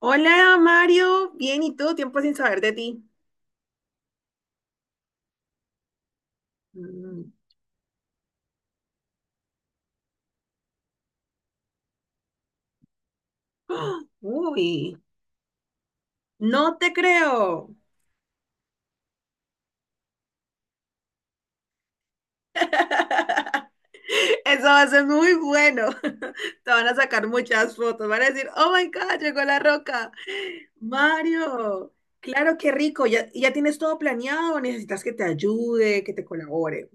Hola Mario, bien, ¿y tú? Tiempo sin saber de ti. Mm. ¡Ah! Uy, no te creo. Eso va a ser muy bueno. Te van a sacar muchas fotos, van a decir, oh my God, llegó la roca. Mario, claro, qué rico, ya, ya tienes todo planeado, o necesitas que te ayude, que te colabore.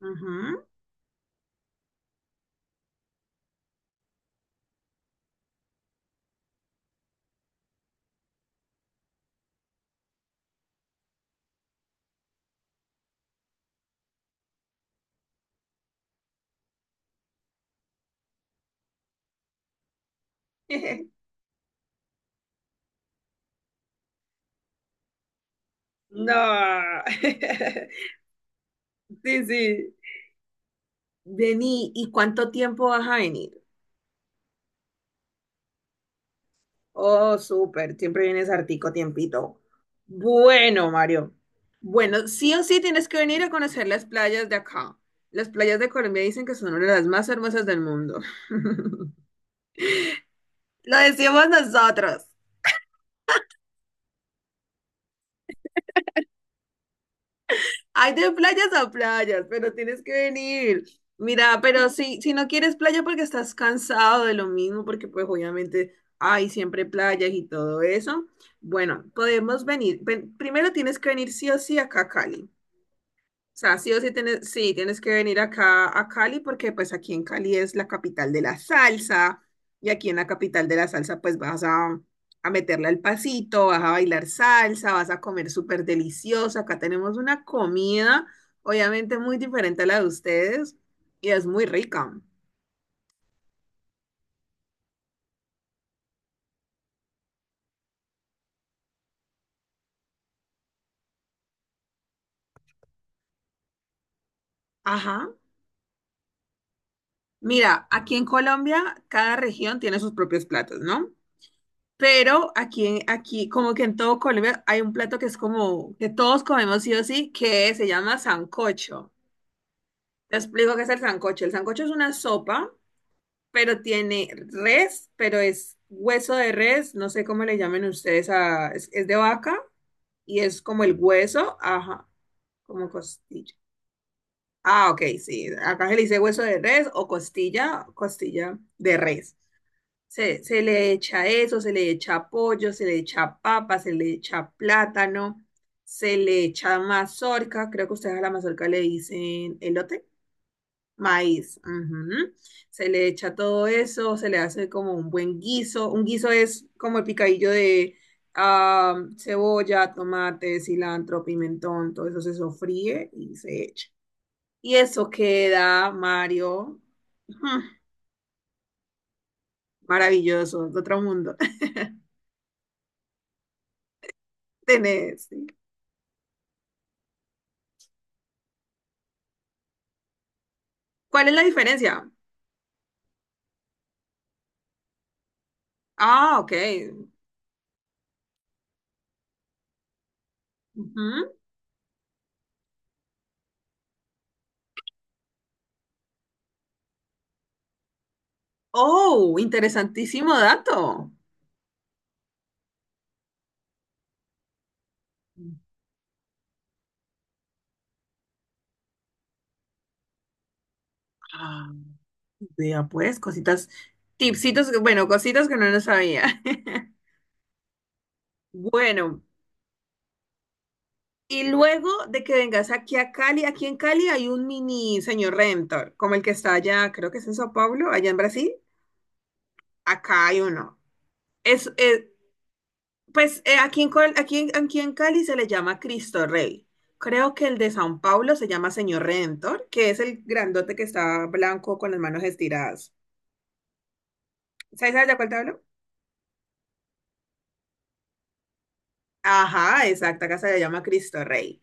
Ujú. No. Sí, sí. Vení, ¿y cuánto tiempo vas a venir? Oh, súper, siempre vienes hartico tiempito. Bueno, Mario. Bueno, sí o sí tienes que venir a conocer las playas de acá. Las playas de Colombia dicen que son una de las más hermosas del mundo. Lo decimos nosotros. Hay de playas a playas, pero tienes que venir. Mira, pero si no quieres playa porque estás cansado de lo mismo, porque pues obviamente hay siempre playas y todo eso. Bueno, podemos venir. Primero tienes que venir sí o sí acá a Cali. O sea, sí o sí, tienes que venir acá a Cali porque pues aquí en Cali es la capital de la salsa y aquí en la capital de la salsa pues vas a meterle al pasito, vas a bailar salsa, vas a comer súper deliciosa. Acá tenemos una comida obviamente muy diferente a la de ustedes y es muy rica. Ajá. Mira, aquí en Colombia cada región tiene sus propios platos, ¿no? Pero aquí, como que en todo Colombia hay un plato que es como que todos comemos sí o sí, que se llama sancocho. Te explico qué es el sancocho. El sancocho es una sopa, pero tiene res, pero es hueso de res, no sé cómo le llamen ustedes a, es de vaca y es como el hueso, ajá, como costilla. Ah, ok, sí. Acá se le dice hueso de res o costilla, costilla de res. Se le echa eso, se le echa pollo, se le echa papa, se le echa plátano, se le echa mazorca, creo que ustedes a la mazorca le dicen elote, maíz. Ujú. Se le echa todo eso, se le hace como un buen guiso. Un guiso es como el picadillo de cebolla, tomate, cilantro, pimentón, todo eso se sofríe y se echa. Y eso queda, Mario, ujú, maravilloso, de otro mundo. Tenés. Sí. ¿Cuál es la diferencia? Ah, ok. Ujú. Oh, interesantísimo dato. Ah, vea pues, cositas, tipsitos, bueno, cositas que no nos sabía. Bueno, y luego de que vengas aquí a Cali, aquí en Cali hay un mini señor Redentor, como el que está allá, creo que es en Sao Paulo, allá en Brasil. Acá hay uno. Es, es, Pues aquí en, Col- aquí en- aquí en Cali se le llama Cristo Rey. Creo que el de San Pablo se llama Señor Redentor, que es el grandote que está blanco con las manos estiradas. ¿Sabes de cuál te hablo? Ajá, exacto, acá se le llama Cristo Rey.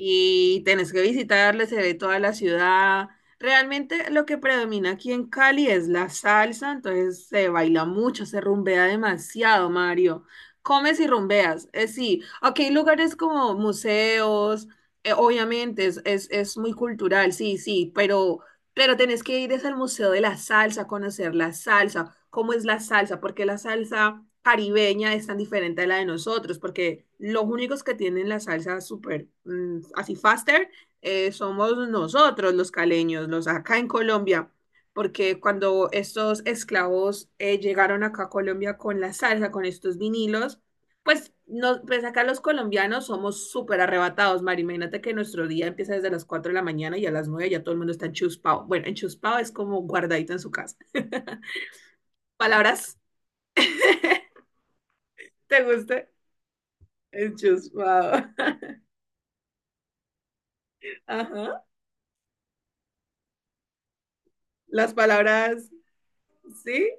Y tenés que visitarle, se ve toda la ciudad. Realmente lo que predomina aquí en Cali es la salsa, entonces se baila mucho, se rumbea demasiado, Mario. Comes y rumbeas, sí. Aquí hay lugares como museos, obviamente es muy cultural, sí, sí, pero tenés que ir es al Museo de la Salsa, a conocer la salsa, cómo es la salsa, porque la salsa caribeña es tan diferente a la de nosotros, porque los únicos que tienen la salsa súper así faster somos nosotros los caleños, los acá en Colombia, porque cuando estos esclavos llegaron acá a Colombia con la salsa, con estos vinilos, pues, no, pues acá los colombianos somos súper arrebatados, Mari. Imagínate que nuestro día empieza desde las 4 de la mañana y a las 9 ya todo el mundo está enchuspado. Bueno, enchuspado es como guardadito en su casa. ¿Palabras? ¿Te gusta? Enchuspado. Ajá. Las palabras, ¿sí?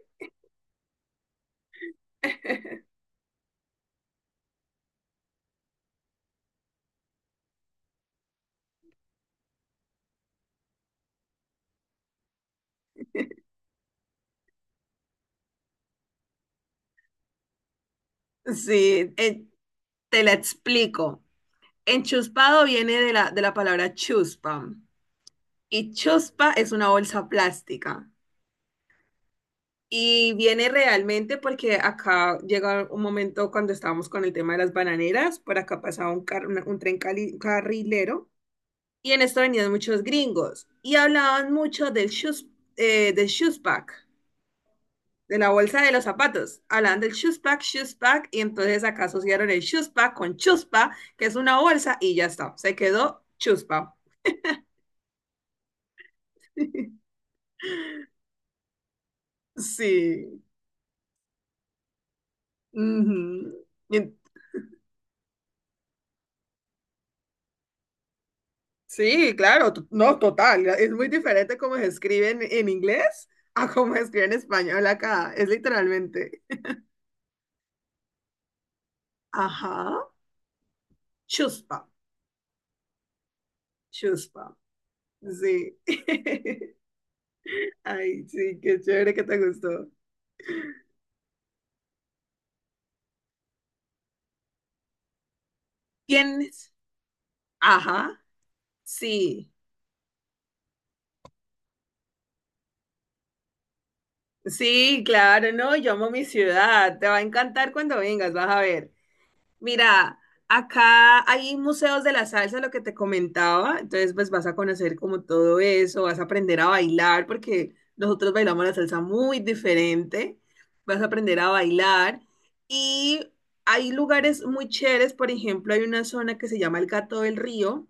Sí, te la explico. Enchuspado viene de la palabra chuspa y chuspa es una bolsa plástica. Y viene realmente porque acá llega un momento cuando estábamos con el tema de las bananeras, por acá pasaba un tren carrilero y en esto venían muchos gringos y hablaban mucho del shoes bag, de la bolsa de los zapatos. Hablaban del shoes bag y entonces acá asociaron el shoes bag con chuspa, que es una bolsa y ya está, se quedó chuspa. Sí. Ujú. Sí, claro, no, total. Es muy diferente cómo se escribe en inglés a cómo se escribe en español acá. Es literalmente. Ajá. Chuspa. Chuspa. Sí. Ay, sí, qué chévere que te gustó. ¿Tienes? Ajá. Sí. Sí, claro, no, yo amo mi ciudad. Te va a encantar cuando vengas, vas a ver. Mira, acá hay museos de la salsa, lo que te comentaba, entonces pues vas a conocer como todo eso, vas a aprender a bailar, porque nosotros bailamos la salsa muy diferente, vas a aprender a bailar y hay lugares muy chéveres, por ejemplo, hay una zona que se llama el Gato del Río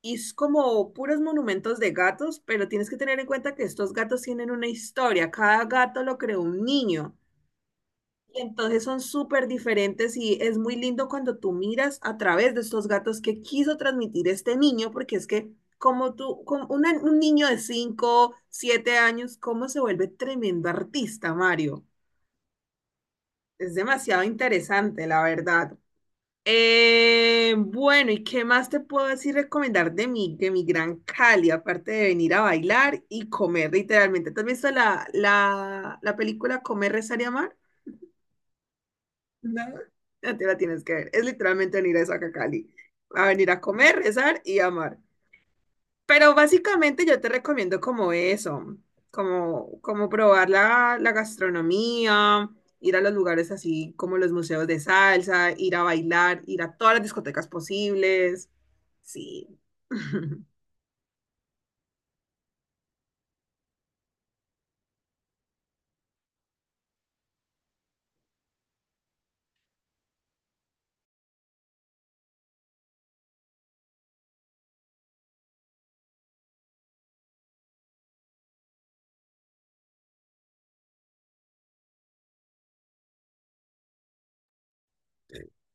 y es como puros monumentos de gatos, pero tienes que tener en cuenta que estos gatos tienen una historia, cada gato lo creó un niño. Y entonces son súper diferentes y es muy lindo cuando tú miras a través de estos gatos que quiso transmitir este niño, porque es que como tú, como un niño de 5 7 años, cómo se vuelve tremendo artista, Mario. Es demasiado interesante, la verdad. Bueno, ¿y qué más te puedo decir recomendar de mi gran Cali, aparte de venir a bailar y comer, literalmente? ¿Te has visto la película Comer, Rezar y Amar? No, ya te la tienes que ver. Es literalmente venir a esa Cali. A venir a comer, rezar y amar. Pero básicamente yo te recomiendo como eso, como probar la gastronomía, ir a los lugares así como los museos de salsa, ir a bailar, ir a todas las discotecas posibles. Sí,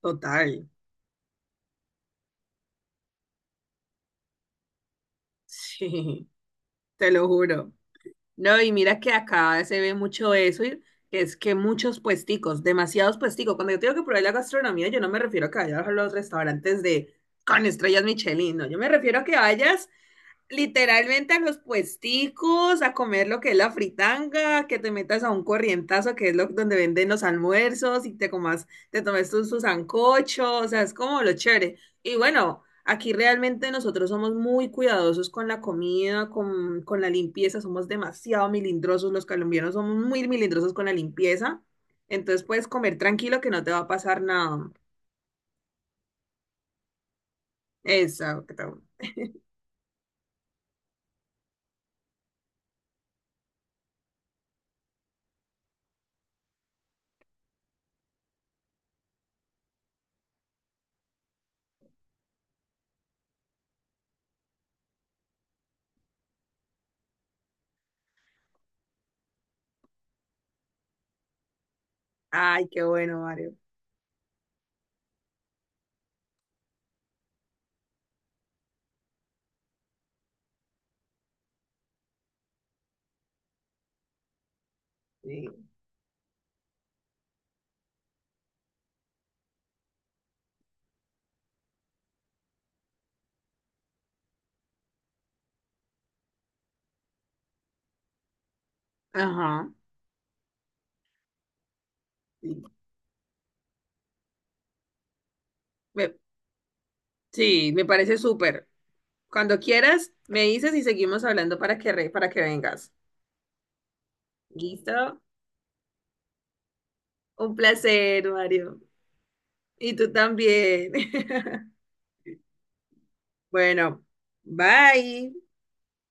total. Sí, te lo juro. No, y mira que acá se ve mucho eso, y que es que muchos puesticos, demasiados puesticos. Cuando yo tengo que probar la gastronomía, yo no me refiero a que vayas a los restaurantes de con estrellas Michelin, no, yo me refiero a que vayas literalmente a los puesticos, a comer lo que es la fritanga, que te metas a un corrientazo, que es lo donde venden los almuerzos y te comas, te tomes tus tu sancocho, o sea, es como lo chévere. Y bueno, aquí realmente nosotros somos muy cuidadosos con la comida, con la limpieza, somos demasiado milindrosos, los colombianos somos muy milindrosos con la limpieza, entonces puedes comer tranquilo que no te va a pasar nada. Exacto. Ay, qué bueno, Mario. Sí. Ajá. Sí. Me- Sí, me parece súper. Cuando quieras, me dices y seguimos hablando para para que vengas. ¿Listo? Un placer, Mario. Y tú también. Bueno, bye.